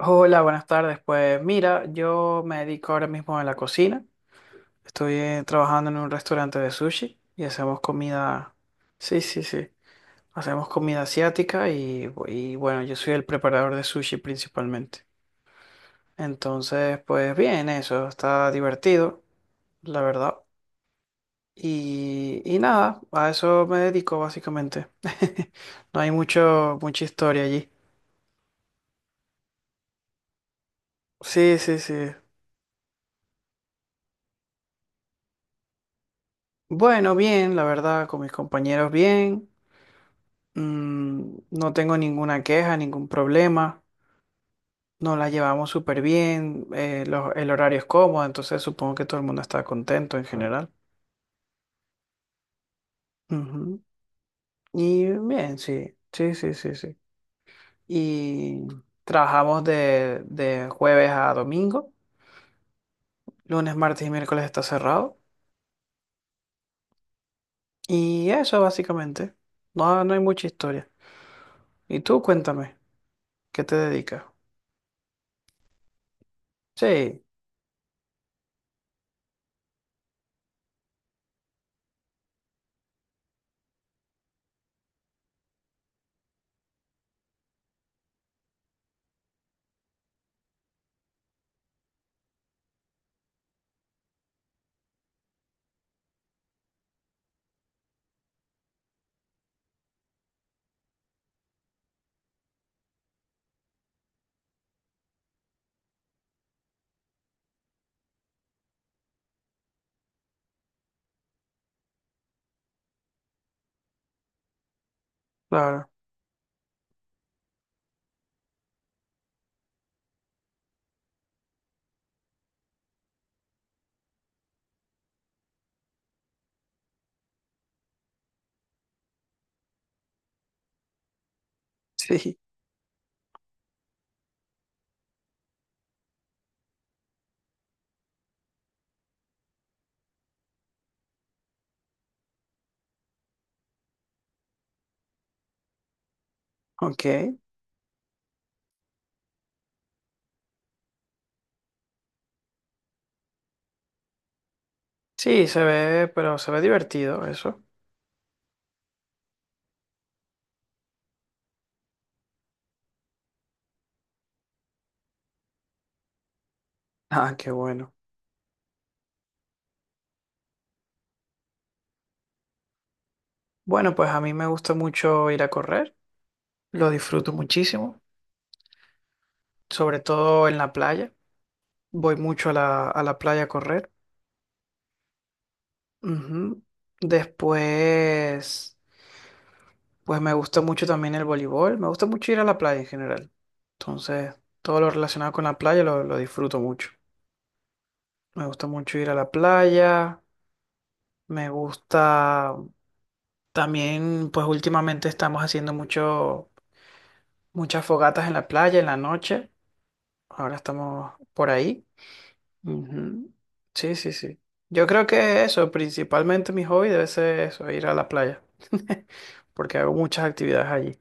Hola, buenas tardes. Pues mira, yo me dedico ahora mismo a la cocina. Estoy trabajando en un restaurante de sushi y hacemos comida. Sí, sí, sí. Hacemos comida asiática y, y bueno, yo soy el preparador de sushi principalmente. Entonces, pues bien, eso está divertido, la verdad. Y nada, a eso me dedico básicamente. No hay mucha historia allí. Sí, sí, sí. Bueno, bien, la verdad, con mis compañeros bien. Mm, no tengo ninguna queja, ningún problema. Nos la llevamos súper bien. El horario es cómodo, entonces supongo que todo el mundo está contento en general. Ujú. Y bien, sí, sí, sí, sí, sí. Y trabajamos de jueves a domingo. Lunes, martes y miércoles está cerrado. Y eso básicamente. No, no hay mucha historia. Y tú cuéntame, qué te dedicas? Sí, claro. Sí, ok. Sí, se ve, pero se ve divertido eso. Ah, qué bueno. Bueno, pues a mí me gusta mucho ir a correr, lo disfruto muchísimo, sobre todo en la playa. Voy mucho a a la playa a correr. Ujú. Después, pues me gusta mucho también el voleibol, me gusta mucho ir a la playa en general. Entonces, todo lo relacionado con la playa lo disfruto mucho. Me gusta mucho ir a la playa, me gusta también, pues últimamente estamos haciendo muchas fogatas en la playa en la noche. Ahora estamos por ahí. Ujú. Sí, sí, sí. Yo creo que eso, principalmente mi hobby debe ser eso, ir a la playa. Porque hago muchas actividades allí.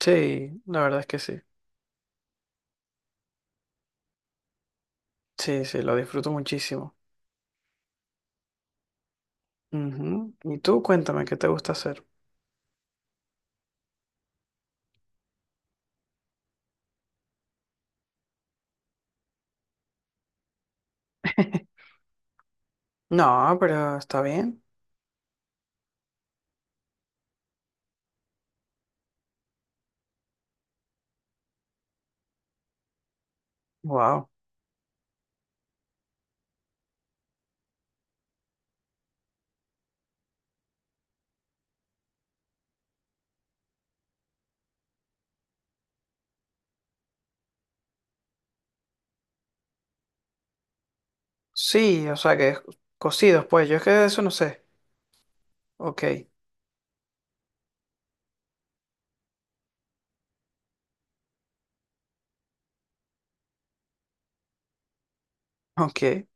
Sí, la verdad es que sí. Sí, sí, lo disfruto muchísimo. Ujú. Y tú, cuéntame, ¿qué te gusta hacer? No, pero está bien. Wow. Sí, o sea que cocidos, pues yo es que de eso no sé. Ok, ok,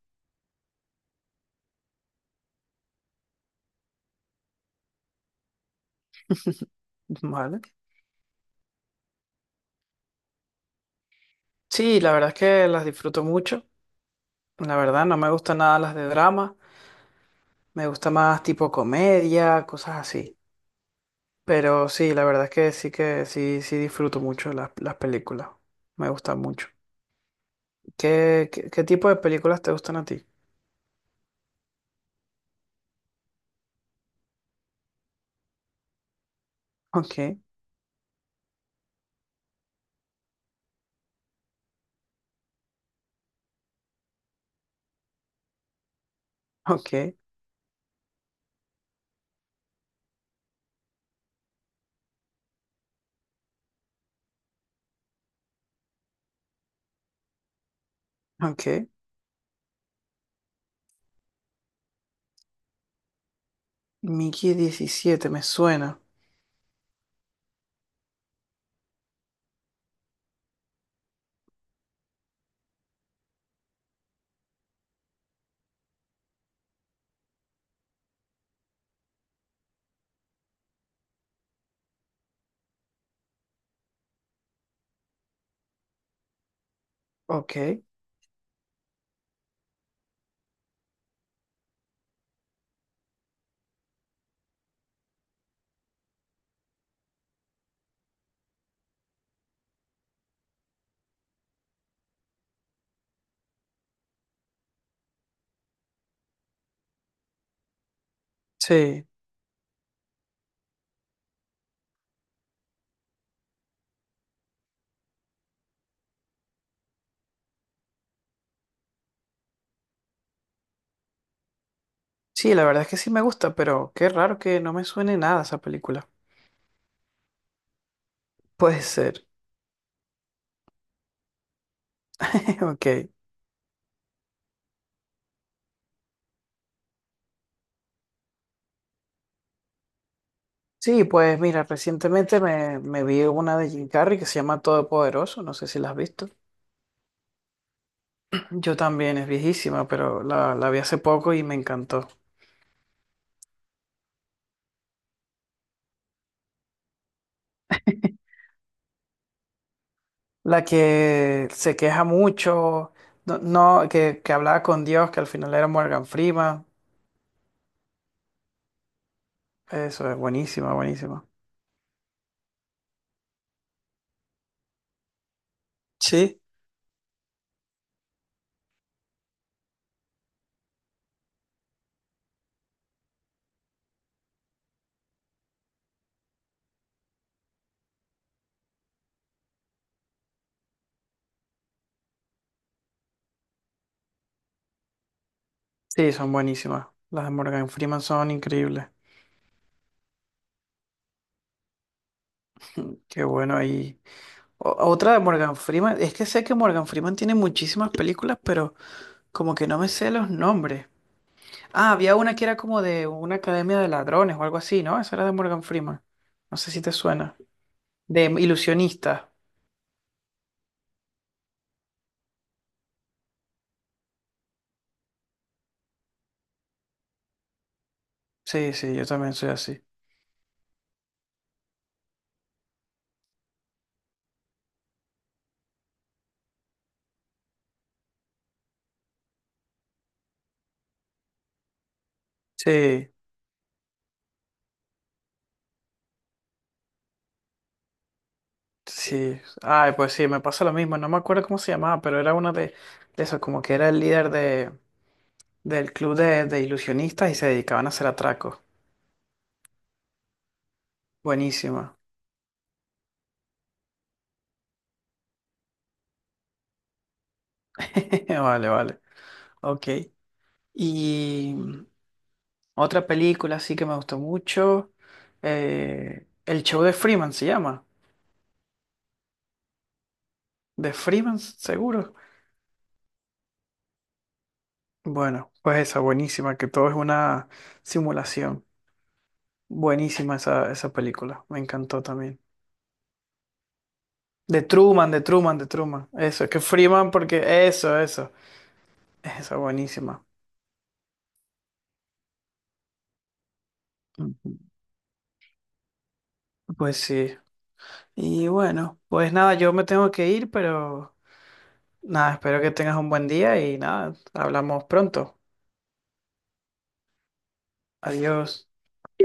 vale. Sí, la verdad es que las disfruto mucho. La verdad, no me gustan nada las de drama. Me gusta más tipo comedia, cosas así. Pero sí, la verdad es que sí, sí disfruto mucho las películas. Me gustan mucho. ¿Qué, qué, qué tipo de películas te gustan a ti? Ok, ok, ok. Mickey 17 me suena. Ok. Sí. Sí, la verdad es que sí me gusta, pero qué raro que no me suene nada esa película. Puede ser. Ok. Sí, pues mira, me vi una de Jim Carrey que se llama Todopoderoso. No sé si la has visto. Yo también, es viejísima, pero la vi hace poco y me encantó. La que se queja mucho, no, no, que hablaba con Dios, que al final era Morgan Freeman. Eso es buenísima, buenísima. Sí. Sí, son buenísimas. Las de Morgan Freeman son increíbles. Mm, qué bueno ahí. Otra de Morgan Freeman, es que sé que Morgan Freeman tiene muchísimas películas, pero como que no me sé los nombres. Ah, había una que era como de una academia de ladrones o algo así, ¿no? Esa era de Morgan Freeman. No sé si te suena. De ilusionista. Sí, sí, yo también soy así. Sí, sí. Ay, pues sí, me pasa lo mismo. No me acuerdo cómo se llamaba, pero era uno de esos, como que era el líder del club de ilusionistas y se dedicaban a hacer atracos. Buenísima. Vale, vale. Ok. Y mm, otra película sí que me gustó mucho. El show de Freeman se llama. De Freeman, seguro. Bueno, pues esa, buenísima, que todo es una simulación. Buenísima esa, esa película, me encantó también. De Truman, de Truman, de Truman. Eso, es que Freeman, porque eso, eso. Esa buenísima. Ujú. Pues sí. Y bueno, pues nada, yo me tengo que ir, pero nada, espero que tengas un buen día y nada, hablamos pronto. Adiós.